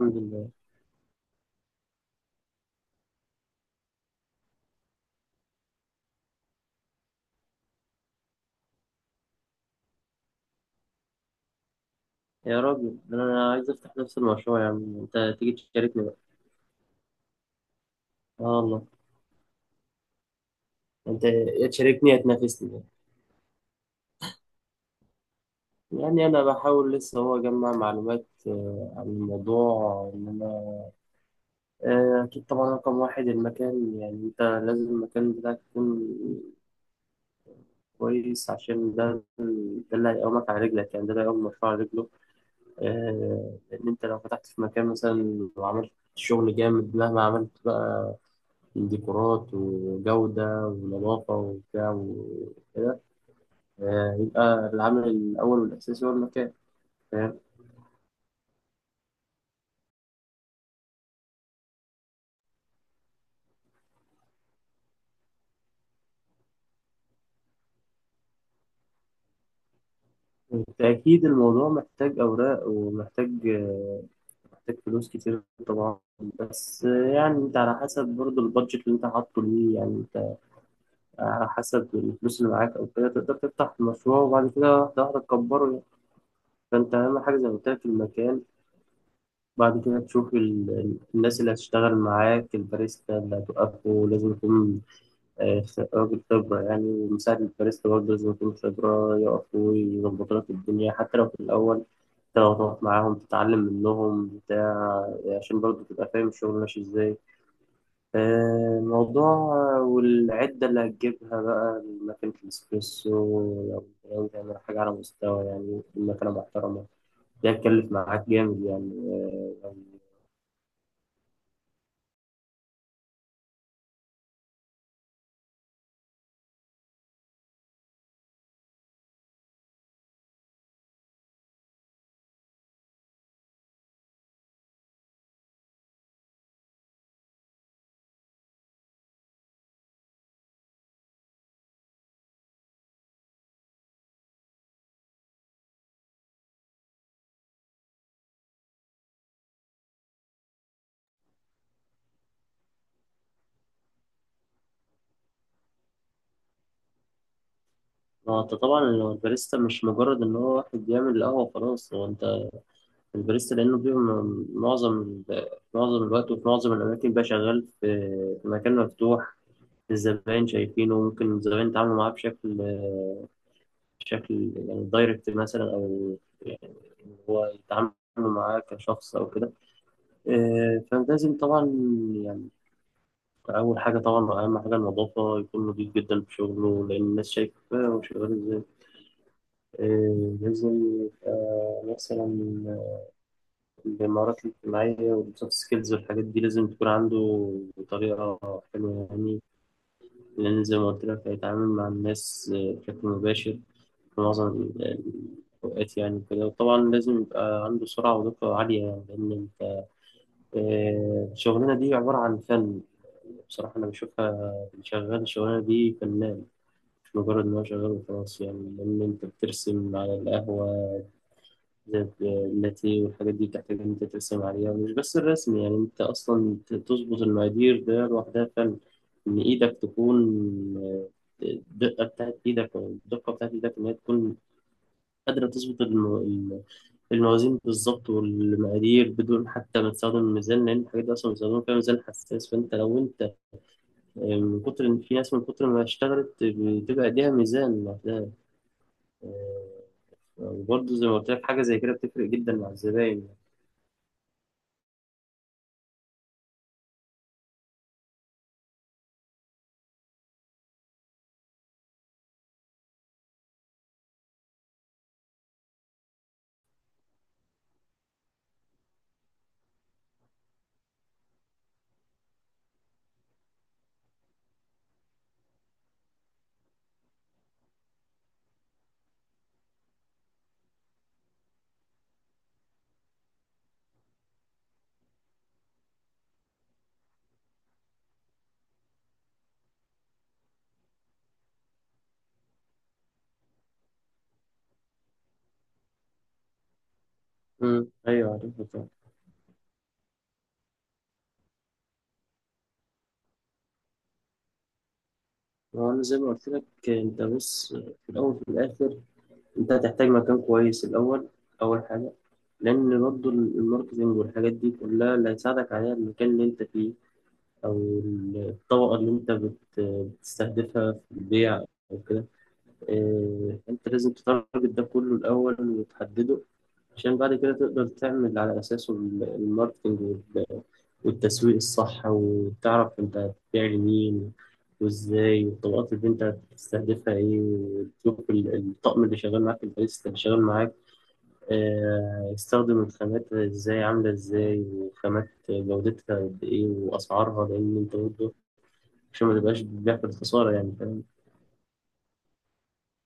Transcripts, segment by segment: الحمد لله. يا راجل، ده انا عايز افتح نفس المشروع، يا عم انت تيجي تشاركني بقى. اه والله. انت يا تشاركني يا تنافسني. يعني انا بحاول لسه هو اجمع معلومات عن الموضوع ان انا اكيد طبعا رقم واحد المكان، يعني انت لازم المكان بتاعك يكون كويس عشان ده اللي هيقومك على رجلك، يعني ده اللي هيقوم المشروع على رجله. لان انت لو فتحت في مكان مثلا وعملت شغل جامد، مهما عملت بقى ديكورات وجودة ونظافة وبتاع وكده، يبقى العامل الأول والأساسي هو المكان. فاهم؟ بالتأكيد الموضوع محتاج أوراق ومحتاج محتاج فلوس كتير طبعا. بس يعني أنت على حسب برضه البادجت اللي أنت حاطه ليه، يعني أنت على حسب الفلوس اللي معاك أو كده تقدر تفتح المشروع، وبعد كده واحدة واحدة تكبره يعني. فأنت أهم حاجة زي ما قلت لك المكان. بعد كده تشوف الناس اللي هتشتغل معاك، الباريستا اللي هتوقفه لازم يكون آه، راجل خبرة يعني. مساعد الباريستا برضه لازم يكون خبرة، يقف ويظبط لك الدنيا، حتى لو في الأول أنت لو تقف معاهم تتعلم منهم بتاع عشان برضه تبقى فاهم الشغل ماشي إزاي. موضوع والعدة اللي هتجيبها بقى ماكينة الإسبريسو، لو تعمل حاجة على مستوى، يعني مكنة محترمة، ده هتكلف معاك جامد يعني. ما هو أنت طبعا لو الباريستا مش مجرد إن هو واحد بيعمل القهوة خلاص. هو الباريستا لأنه بيبقى معظم معظم الوقت وفي معظم الأماكن بقى شغال في مكان مفتوح. الزبائن شايفينه، ممكن الزبائن يتعاملوا معاه بشكل يعني دايركت مثلا، أو يعني هو يتعاملوا معاه كشخص أو كده. فلازم طبعا يعني أول حاجة، طبعا أهم حاجة النظافة، يكون نضيف جدا في شغله لأن الناس شايفة هو شغال إزاي. لازم يبقى مثلا المهارات الاجتماعية والسوفت سكيلز والحاجات دي لازم تكون عنده بطريقة حلوة يعني. لأن زي ما قلت لك هيتعامل مع الناس بشكل مباشر في معظم الأوقات يعني كده. وطبعا لازم يبقى عنده سرعة ودقة عالية يعني، لأن أنت الشغلانة دي عبارة عن فن، بصراحة أنا بشوفها. اللي شغال الشغلانة دي فنان، مش مجرد إن هو شغال وخلاص يعني، لأن أنت بترسم على القهوة زي اللاتيه والحاجات دي، بتحتاج إن أنت ترسم عليها. مش بس الرسم، يعني أنت أصلا تظبط المقادير ده لوحدها فن. إن إيدك تكون آه، الدقة بتاعت إيدك، أو الدقة بتاعت إيدك إن هي تكون قادرة تظبط الموازين بالظبط والمقادير، بدون حتى ما تستخدم الميزان، لأن الحاجات دي أصلا بيستخدموا فيها ميزان حساس. فأنت لو أنت من كتر إن في ناس من كتر ما اشتغلت بتبقى إيديها ميزان لوحدها. آه، وبرضه زي ما قلت لك حاجة زي كده بتفرق جدا مع الزباين. امم، ايوه عارفها طبعا. هو انا زي ما قلت لك انت بص، في الاول وفي الاخر انت هتحتاج مكان كويس الاول، اول حاجه، لان برضو الماركتنج والحاجات دي كلها اللي هيساعدك عليها المكان اللي انت فيه، او الطبقه اللي انت بتستهدفها في البيع او كده. إيه، انت لازم تتارجت ده كله الاول وتحدده، عشان بعد كده تقدر تعمل على اساسه الماركتنج والتسويق الصح، وتعرف انت هتبيع لمين وازاي، والطبقات اللي انت هتستهدفها ايه، وتشوف الطقم اللي شغال معاك، الباريستا اللي شغال معاك يستخدم الخامات ازاي، عاملة ازاي، وخامات جودتها قد ايه واسعارها، لان انت برضه عشان ما تبقاش بتبيع في الخسارة يعني. فاهم؟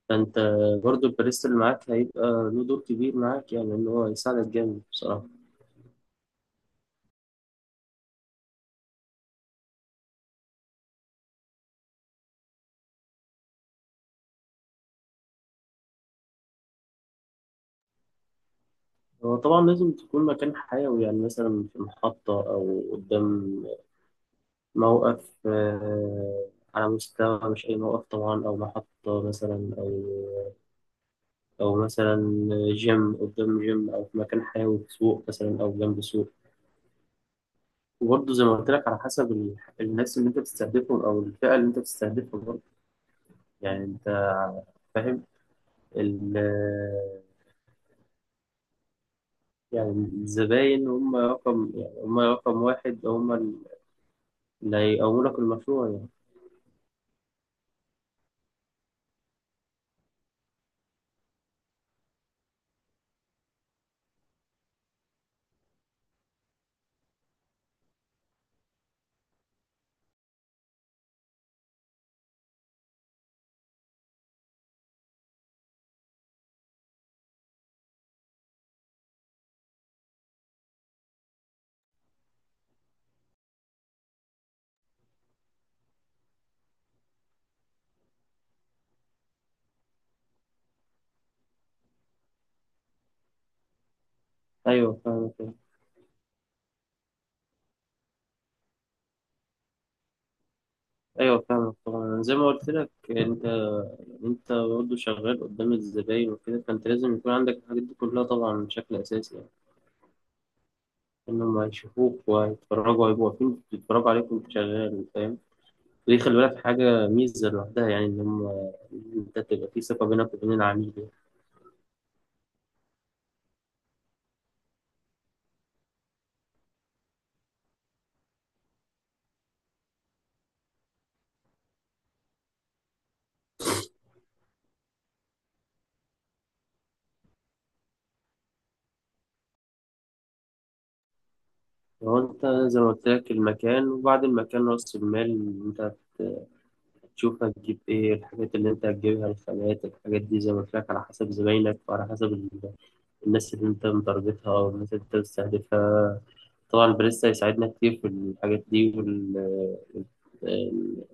فانت برضه الباريستا اللي معاك هيبقى له دور كبير معاك، يعني ان هو يساعدك جامد بصراحة. هو طبعا لازم تكون مكان حيوي، يعني مثلا في محطة أو قدام موقف على مستوى، مش أي موقف طبعا، أو محطة مثلا، أو أو مثلا جيم، قدام جيم، أو في مكان حيوي في سوق مثلا أو جنب سوق. وبرضه زي ما قلت لك على حسب الناس اللي أنت بتستهدفهم، أو الفئة اللي أنت بتستهدفها برضه، يعني أنت فاهم. ال يعني الزباين هم رقم، يعني هم رقم واحد، هم اللي هيقوموا لك المشروع يعني. أيوه فاهمك. أيوه فاهمك طبعا. زي ما قلت لك أنت، انت برضه شغال قدام الزباين وكده، فانت لازم يكون عندك الحاجات دي كلها طبعا بشكل اساسي، يعني انهم هيشوفوك وهيتفرجوا، هيبقوا واقفين بيتفرجوا عليك وانت شغال. فاهم؟ ودي خلي بالك حاجه ميزه لوحدها، يعني ان هم، إن انت تبقى في ثقه بينك وبين العميل يعني. هو انت زي ما قلت لك المكان، وبعد المكان راس المال. انت تشوف هتجيب ايه، الحاجات اللي انت هتجيبها الخامات، الحاجات دي زي ما قلت لك على حسب زباينك، وعلى حسب الناس اللي انت متارجتها والناس اللي انت بتستهدفها. طبعا بريسا هيساعدنا كتير في الحاجات دي، وال ال-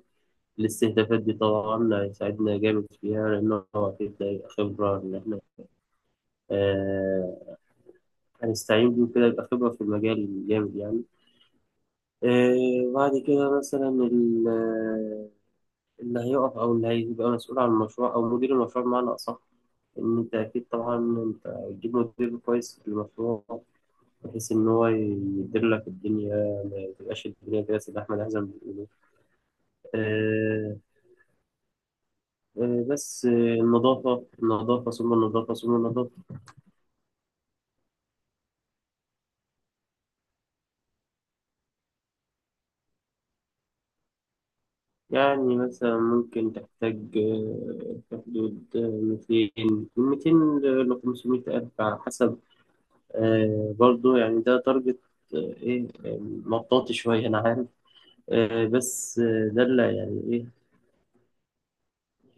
الاستهدافات دي طبعا هيساعدنا جامد فيها، لأنه هو أكيد ده هيبقى خبرة. إن إحنا آه، هنستعين بيه كده يبقى خبرة في المجال جامد يعني. بعد كده مثلا اللي هيقف أو اللي هيبقى مسؤول عن المشروع، أو مدير المشروع بمعنى أصح، إن أنت أكيد طبعا أنت هتجيب مدير كويس للمشروع، بحيث إن هو يدير لك الدنيا، ما تبقاش الدنيا كده سلاح مدحزة. آه، آه، بس آه، النظافة، النظافة، ثم النظافة، ثم النظافة. يعني مثلا ممكن تحتاج في حدود 200 من 200 ل 500 ألف على حسب. برضو يعني ده تارجت آه، إيه آه، مطاطي شوية، أنا عارف. آه، بس آه، ده اللي يعني إيه،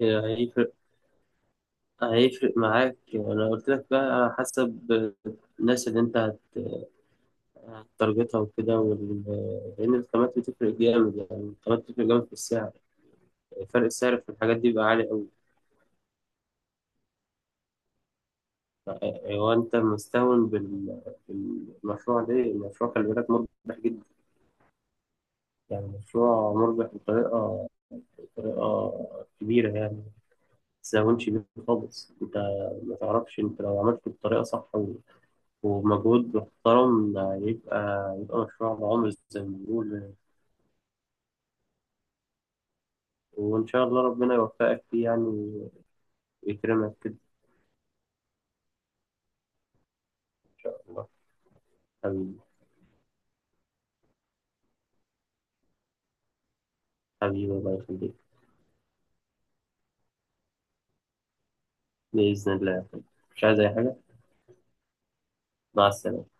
هيفرق هيفرق معاك يعني. أنا قلت لك بقى على حسب الناس اللي أنت تارجتها وكده، وال... لأن الخامات بتفرق جامد يعني، الخامات بتفرق جامد في السعر، فرق السعر في الحاجات دي بيبقى عالي أوي. يعني هو أنت مستهون بال... بالمشروع ده؟ المشروع خلي بالك مربح جدا يعني، مشروع مربح بطريقة كبيرة يعني. ما تستهونش بيه خالص أنت، ما تعرفش أنت لو عملته بطريقة صح و... ومجهود محترم، يبقى يبقى مشروع عمر زي ما بنقول. وإن شاء الله ربنا يوفقك فيه يعني، ويكرمك كده. إن شاء الله. حبيبي. حبيبي الله يخليك. بإذن الله يا أخوي. مش عايز أي حاجة. مع السلامة.